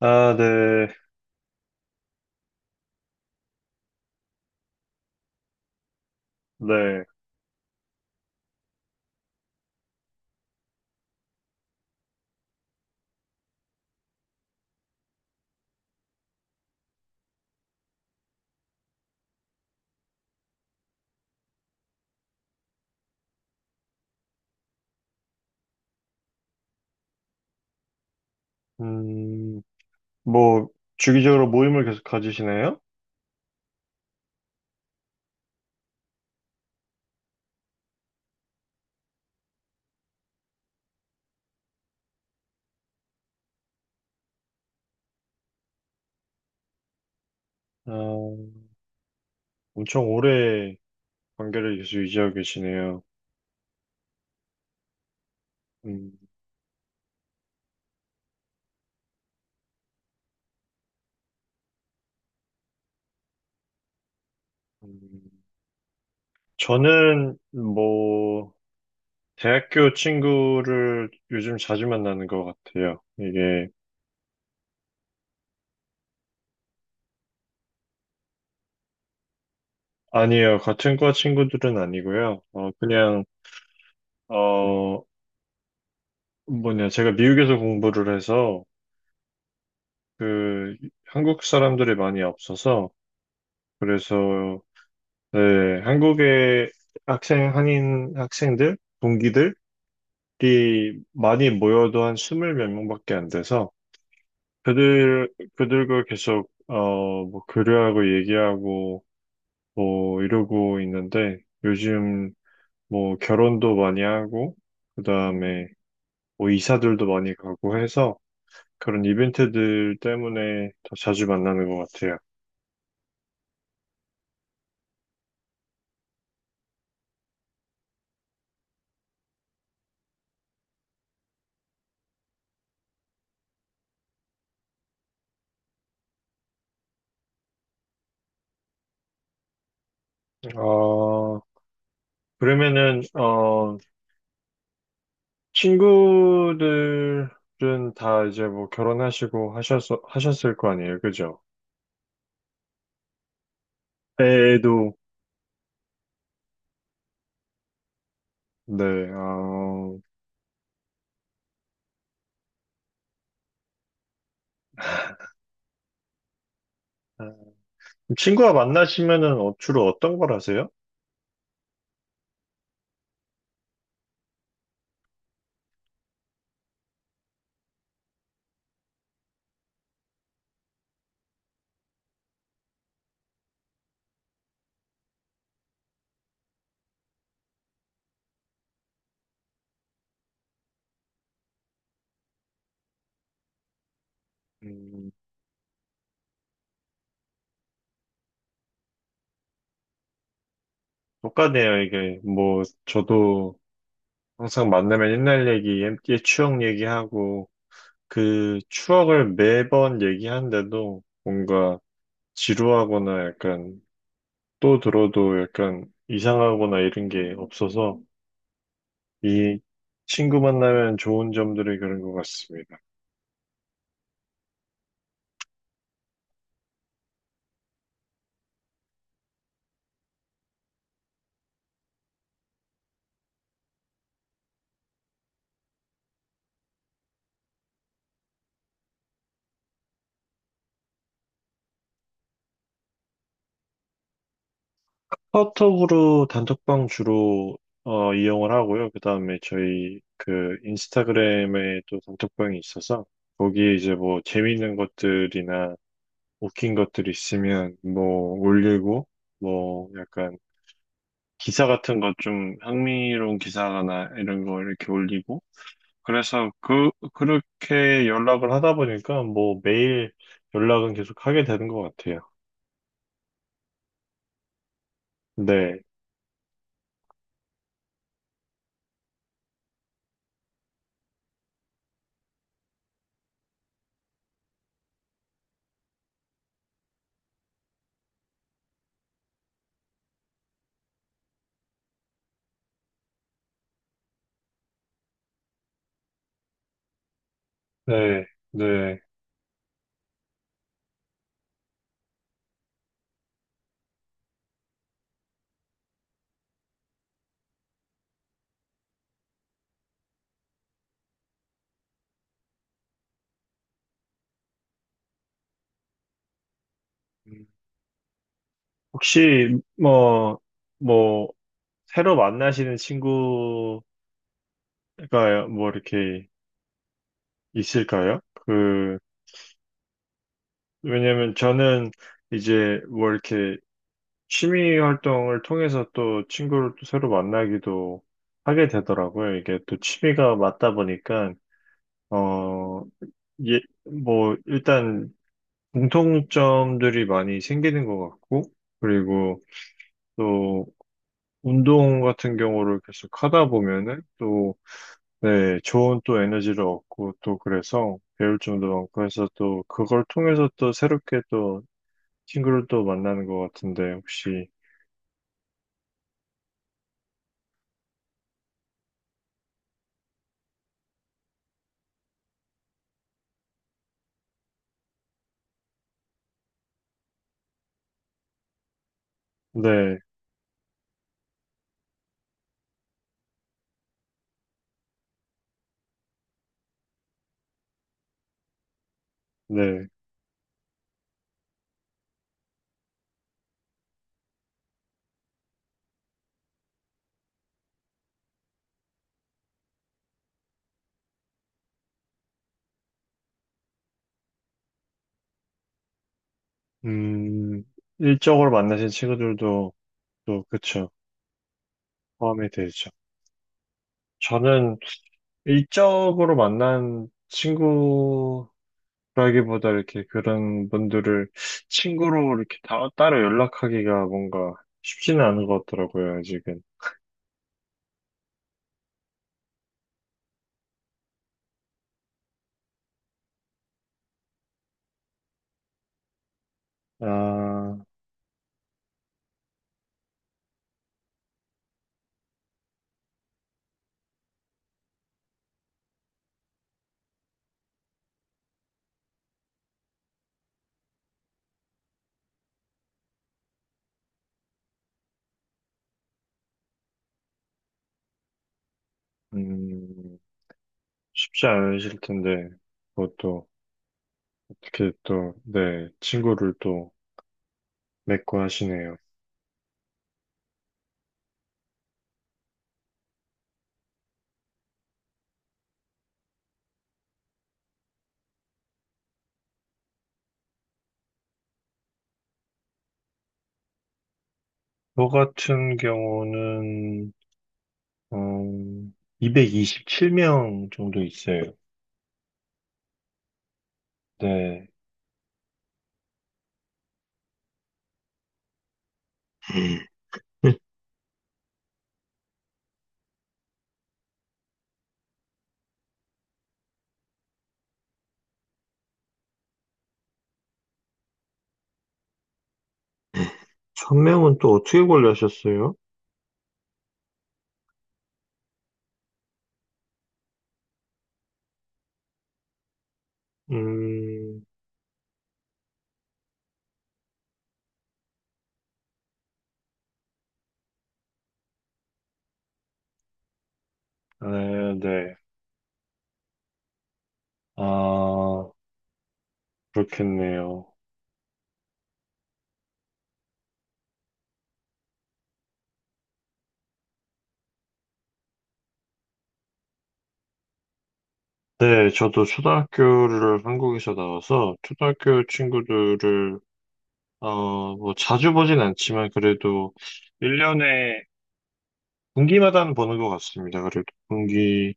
아, 네, 네. 음, 뭐, 주기적으로 모임을 계속 가지시나요? 아, 엄청 오래 관계를 계속 유지하고 계시네요. 음. 음. 저는, 뭐, 대학교 친구를 요즘 자주 만나는 것 같아요. 이게, 아니에요. 같은 과 친구들은 아니고요. 그냥, 어, 뭐냐, 제가 미국에서 공부를 해서, 그, 한국 사람들이 많이 없어서, 그래서 네, 한국의 학생, 한인 학생들, 동기들이 많이 모여도 한 스물 몇 명밖에 안 돼서 그들과 계속, 뭐, 교류하고 얘기하고, 뭐, 이러고 있는데 요즘 뭐, 결혼도 많이 하고, 그 다음에 뭐, 이사들도 많이 가고 해서 그런 이벤트들 때문에 더 자주 만나는 것 같아요. 어, 그러면은, 친구들은 다 이제 뭐 결혼하시고 하셨을 거 아니에요, 그죠? 애도, 네, 어, 친구와 만나시면은 주로 어떤 걸 하세요? 음, 똑같네요, 이게. 뭐, 저도 항상 만나면 옛날 얘기, 옛 추억 얘기하고, 그 추억을 매번 얘기하는데도 뭔가 지루하거나 약간 또 들어도 약간 이상하거나 이런 게 없어서 이 친구 만나면 좋은 점들이 그런 것 같습니다. 카톡으로 단톡방 주로 이용을 하고요. 그 다음에 저희 그 인스타그램에 또 단톡방이 있어서 거기에 이제 뭐 재밌는 것들이나 웃긴 것들 있으면 뭐 올리고 뭐 약간 기사 같은 것 좀 흥미로운 기사나 이런 거 이렇게 올리고 그래서 그렇게 연락을 하다 보니까 뭐 매일 연락은 계속 하게 되는 것 같아요. 네. 네, 네. 음. 혹시 뭐, 새로 만나시는 친구가 뭐 이렇게 있을까요? 그, 왜냐면 저는 이제 뭐 이렇게 취미 활동을 통해서 또 친구를 또 새로 만나기도 하게 되더라고요. 이게 또 취미가 맞다 보니까, 어, 예, 뭐, 일단 공통점들이 많이 생기는 것 같고, 그리고 또 운동 같은 경우를 계속 하다 보면은 또, 네, 좋은 또 에너지를 얻고 또 그래서 배울 점도 많고 해서 또 그걸 통해서 또 새롭게 또 친구를 또 만나는 것 같은데 혹시, 네, 네, 음, 일적으로 만나신 친구들도 또 그쵸, 포함이 되죠. 저는 일적으로 만난 친구 그러기보다 이렇게 그런 분들을 친구로 이렇게 따로 연락하기가 뭔가 쉽지는 않은 것 같더라고요, 아직은. 아, 음, 쉽지 않으실 텐데, 그것도 어떻게 또, 네, 친구를 또 맺고 하시네요. 저 같은 경우는, 음, 227명 정도 있어요. 네. 천명은또 어떻게 관리하셨어요? 음, 네, 네. 아, 그렇겠네요. 네, 저도 초등학교를 한국에서 나와서 초등학교 친구들을 어, 뭐 자주 보진 않지만 그래도 1년에 분기마다는 보는 것 같습니다. 그래도 분기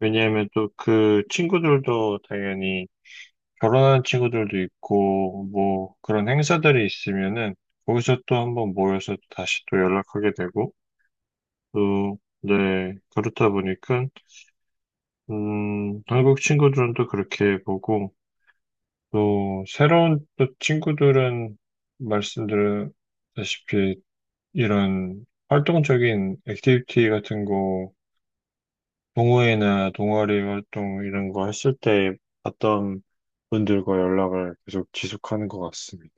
왜냐하면 또 그 친구들도 당연히 결혼한 친구들도 있고 뭐 그런 행사들이 있으면은 거기서 또 한번 모여서 다시 또 연락하게 되고 또 네, 그렇다 보니까 한국 친구들은 또 그렇게 보고 또 새로운 또 친구들은 말씀드렸다시피 이런 활동적인 액티비티 같은 거 동호회나 동아리 활동 이런 거 했을 때 봤던 분들과 연락을 계속 지속하는 것 같습니다.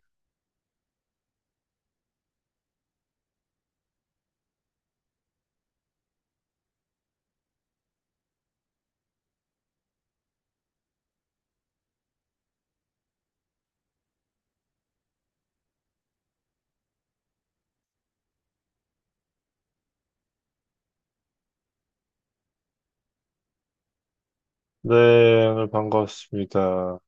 네, 오늘 반가웠습니다.